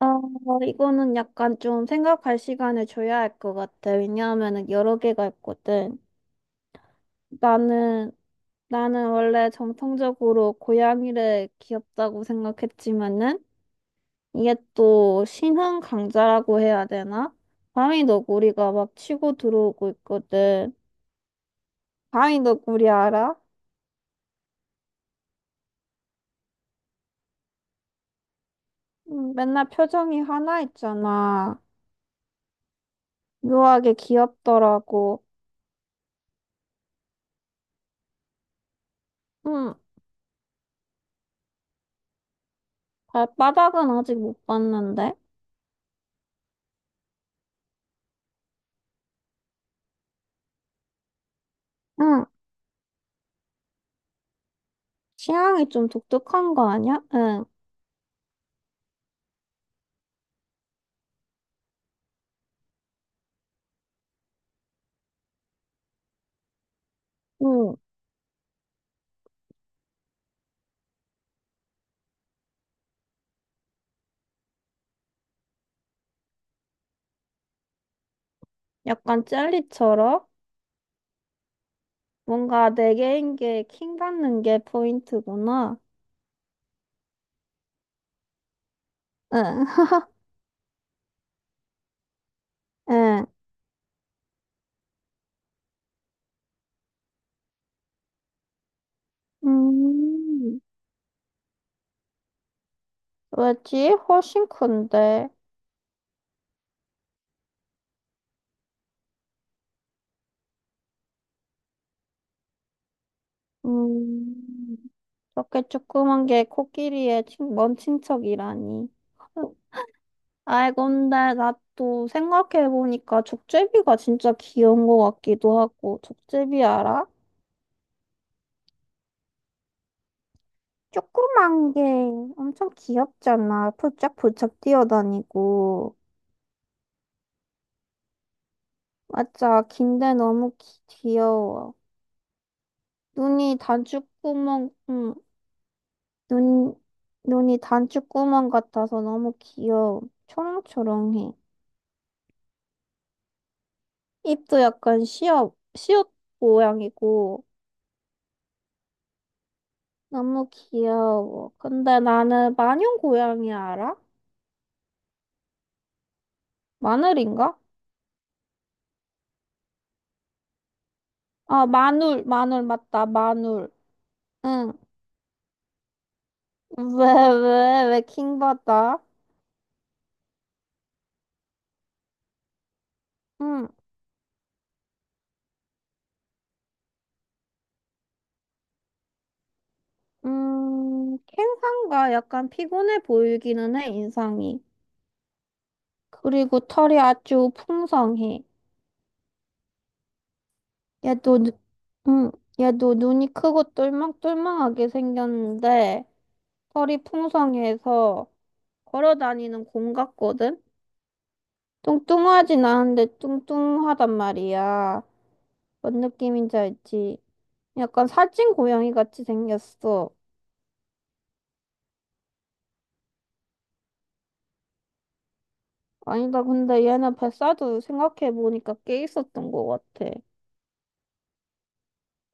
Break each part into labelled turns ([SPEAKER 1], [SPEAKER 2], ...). [SPEAKER 1] 어, 이거는 약간 좀 생각할 시간을 줘야 할 것 같아. 왜냐하면은 여러 개가 있거든. 나는, 나는 원래 정통적으로 고양이를 귀엽다고 생각했지만은 이게 또 신흥 강자라고 해야 되나? 바위 너구리가 막 치고 들어오고 있거든. 바위 너구리 알아? 맨날 표정이 하나 있잖아. 묘하게 귀엽더라고. 응, 발바닥은 아직 못 봤는데. 응. 취향이 좀 독특한 거 아니야? 응. 응. 약간 젤리처럼? 뭔가 내 개인 게 킹 받는 게 포인트구나. 응. 응. 음, 왜지? 훨씬 큰데. 음, 저렇게 조그만 게 코끼리의 먼 친척이라니. 응. 아이, 근데 나 또 생각해보니까 족제비가 진짜 귀여운 것 같기도 하고. 족제비 알아? 조그만 게 엄청 귀엽잖아. 폴짝폴짝 뛰어다니고. 맞아. 긴데 너무 귀여워. 눈이 단추구멍, 응. 눈, 눈이 단추구멍 같아서 너무 귀여워. 초롱초롱해. 입도 약간 시옷, 시옷 모양이고. 너무 귀여워. 근데 나는 마녀 고양이 알아? 마늘인가? 아, 마눌, 마눌, 맞다, 마눌. 응. 왜, 왜, 왜 킹받아? 음, 캥상과 약간 피곤해 보이기는 해, 인상이. 그리고 털이 아주 풍성해. 얘도, 눈- 음, 얘도 눈이 크고 똘망똘망하게 생겼는데, 털이 풍성해서 걸어 다니는 공 같거든? 뚱뚱하진 않은데 뚱뚱하단 말이야. 뭔 느낌인지 알지? 약간 살찐 고양이 같이 생겼어. 아니다, 근데 얘는 뱃살도 생각해보니까 꽤 있었던 것 같아.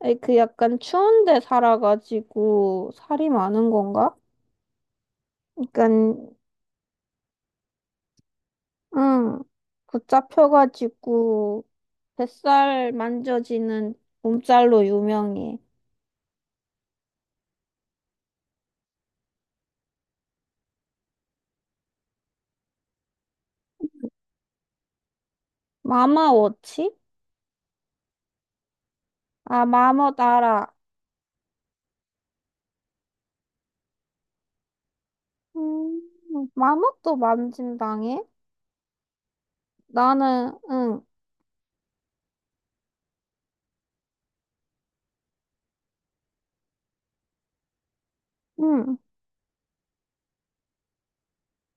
[SPEAKER 1] 아니, 그 약간 추운데 살아가지고 살이 많은 건가? 그간니까 응 붙잡혀가지고 뱃살 만져지는 몸살로 유명해. 마마워치? 아, 마멋 알아. 음 마멋도 만진당해? 나는 응 응,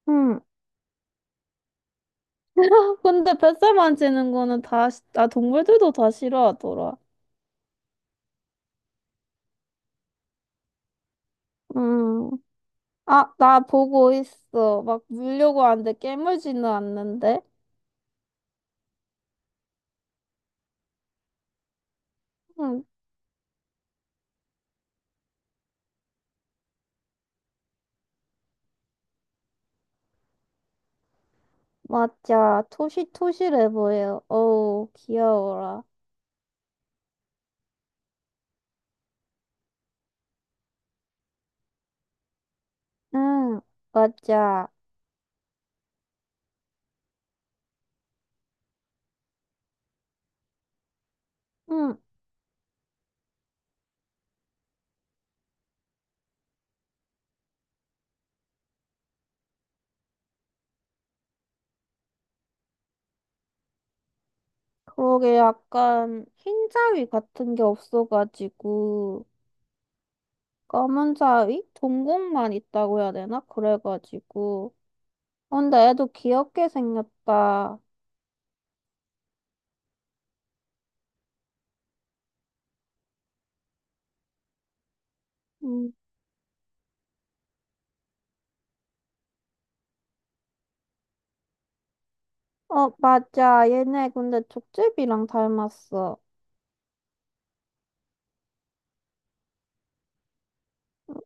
[SPEAKER 1] 응. 근데 뱃살 만지는 거는 다, 아, 동물들도 다 싫어하더라. 음, 아, 나 보고 있어. 막 물려고 하는데 깨물지는 않는데? 응, 맞아. 토실토실해 보여. 어우, 귀여워라. 응, 맞아. 응, 그러게 약간 흰 자위 같은 게 없어가지고, 검은 자위? 동공만 있다고 해야 되나? 그래가지고. 근데 애도 귀엽게 생겼다. 응. 어, 맞아. 얘네 근데 족제비랑 닮았어.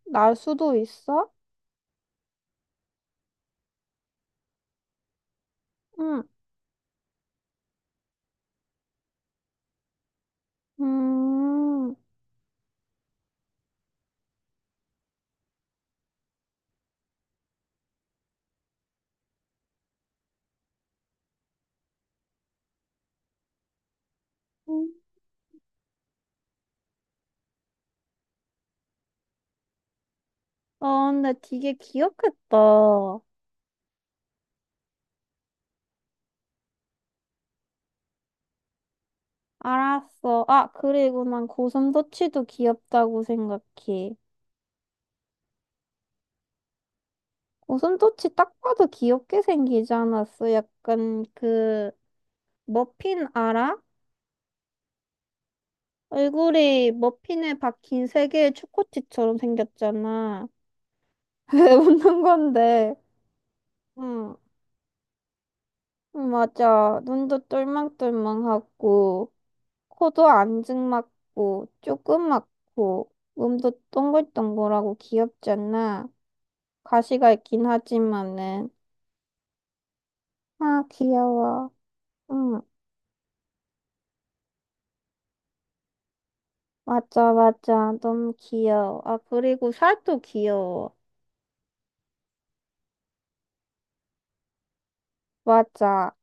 [SPEAKER 1] 날 수도 있어? 응. 음, 아, 근데 되게 귀엽겠다. 알았어. 아, 그리고 난 고슴도치도 귀엽다고 생각해. 고슴도치 딱 봐도 귀엽게 생기지 않았어? 약간 그, 머핀 알아? 얼굴이 머핀에 박힌 세 개의 초코칩처럼 생겼잖아. 왜 웃는 건데. 응, 응, 맞아. 눈도 똘망똘망하고. 코도 안증 맞고 조그맣고 몸도 동글동글하고 귀엽잖아. 가시가 있긴 하지만은 아 귀여워. 응 맞아 맞아 너무 귀여워. 아 그리고 살도 귀여워. 맞아.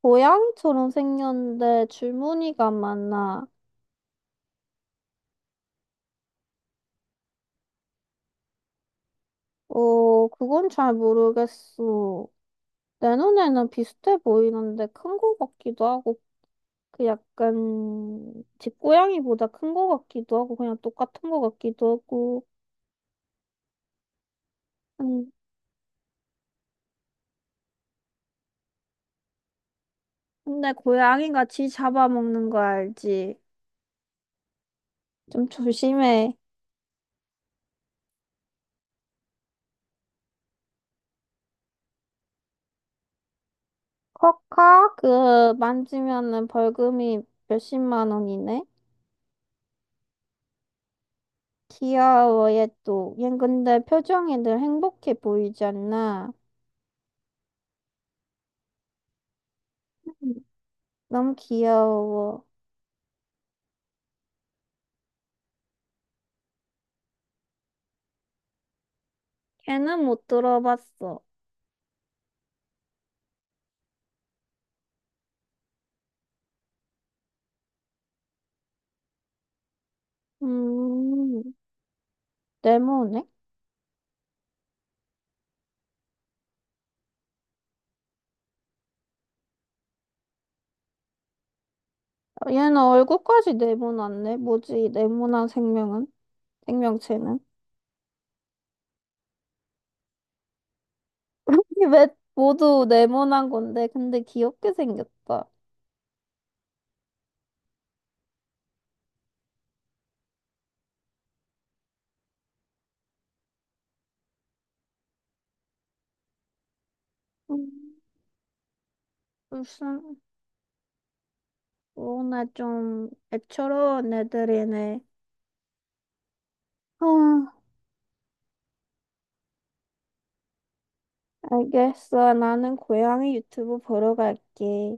[SPEAKER 1] 고양이처럼 생겼는데 줄무늬가 많아. 어 그건 잘 모르겠어. 내 눈에는 비슷해 보이는데 큰 거 같기도 하고 그 약간 집 고양이보다 큰 거 같기도 하고 그냥 똑같은 거 같기도 하고 음, 근데 고양이가 지 잡아먹는 거 알지? 좀 조심해. 커카 그 만지면은 벌금이 몇십만 원이네. 귀여워 얘또 얘 근데 표정이 늘 행복해 보이지 않나? 음, 너무 귀여워. 걔는 못 들어봤어. 음 레모네? 얘는 얼굴까지 네모났네. 뭐지, 네모난 생명은? 생명체는? 왜 모두 네모난 건데, 근데 귀엽게 생겼다. 음, 무슨, 오늘 좀 애처로운 애들이네. 아, 알겠어. 나는 고양이 유튜브 보러 갈게.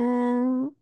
[SPEAKER 1] 음.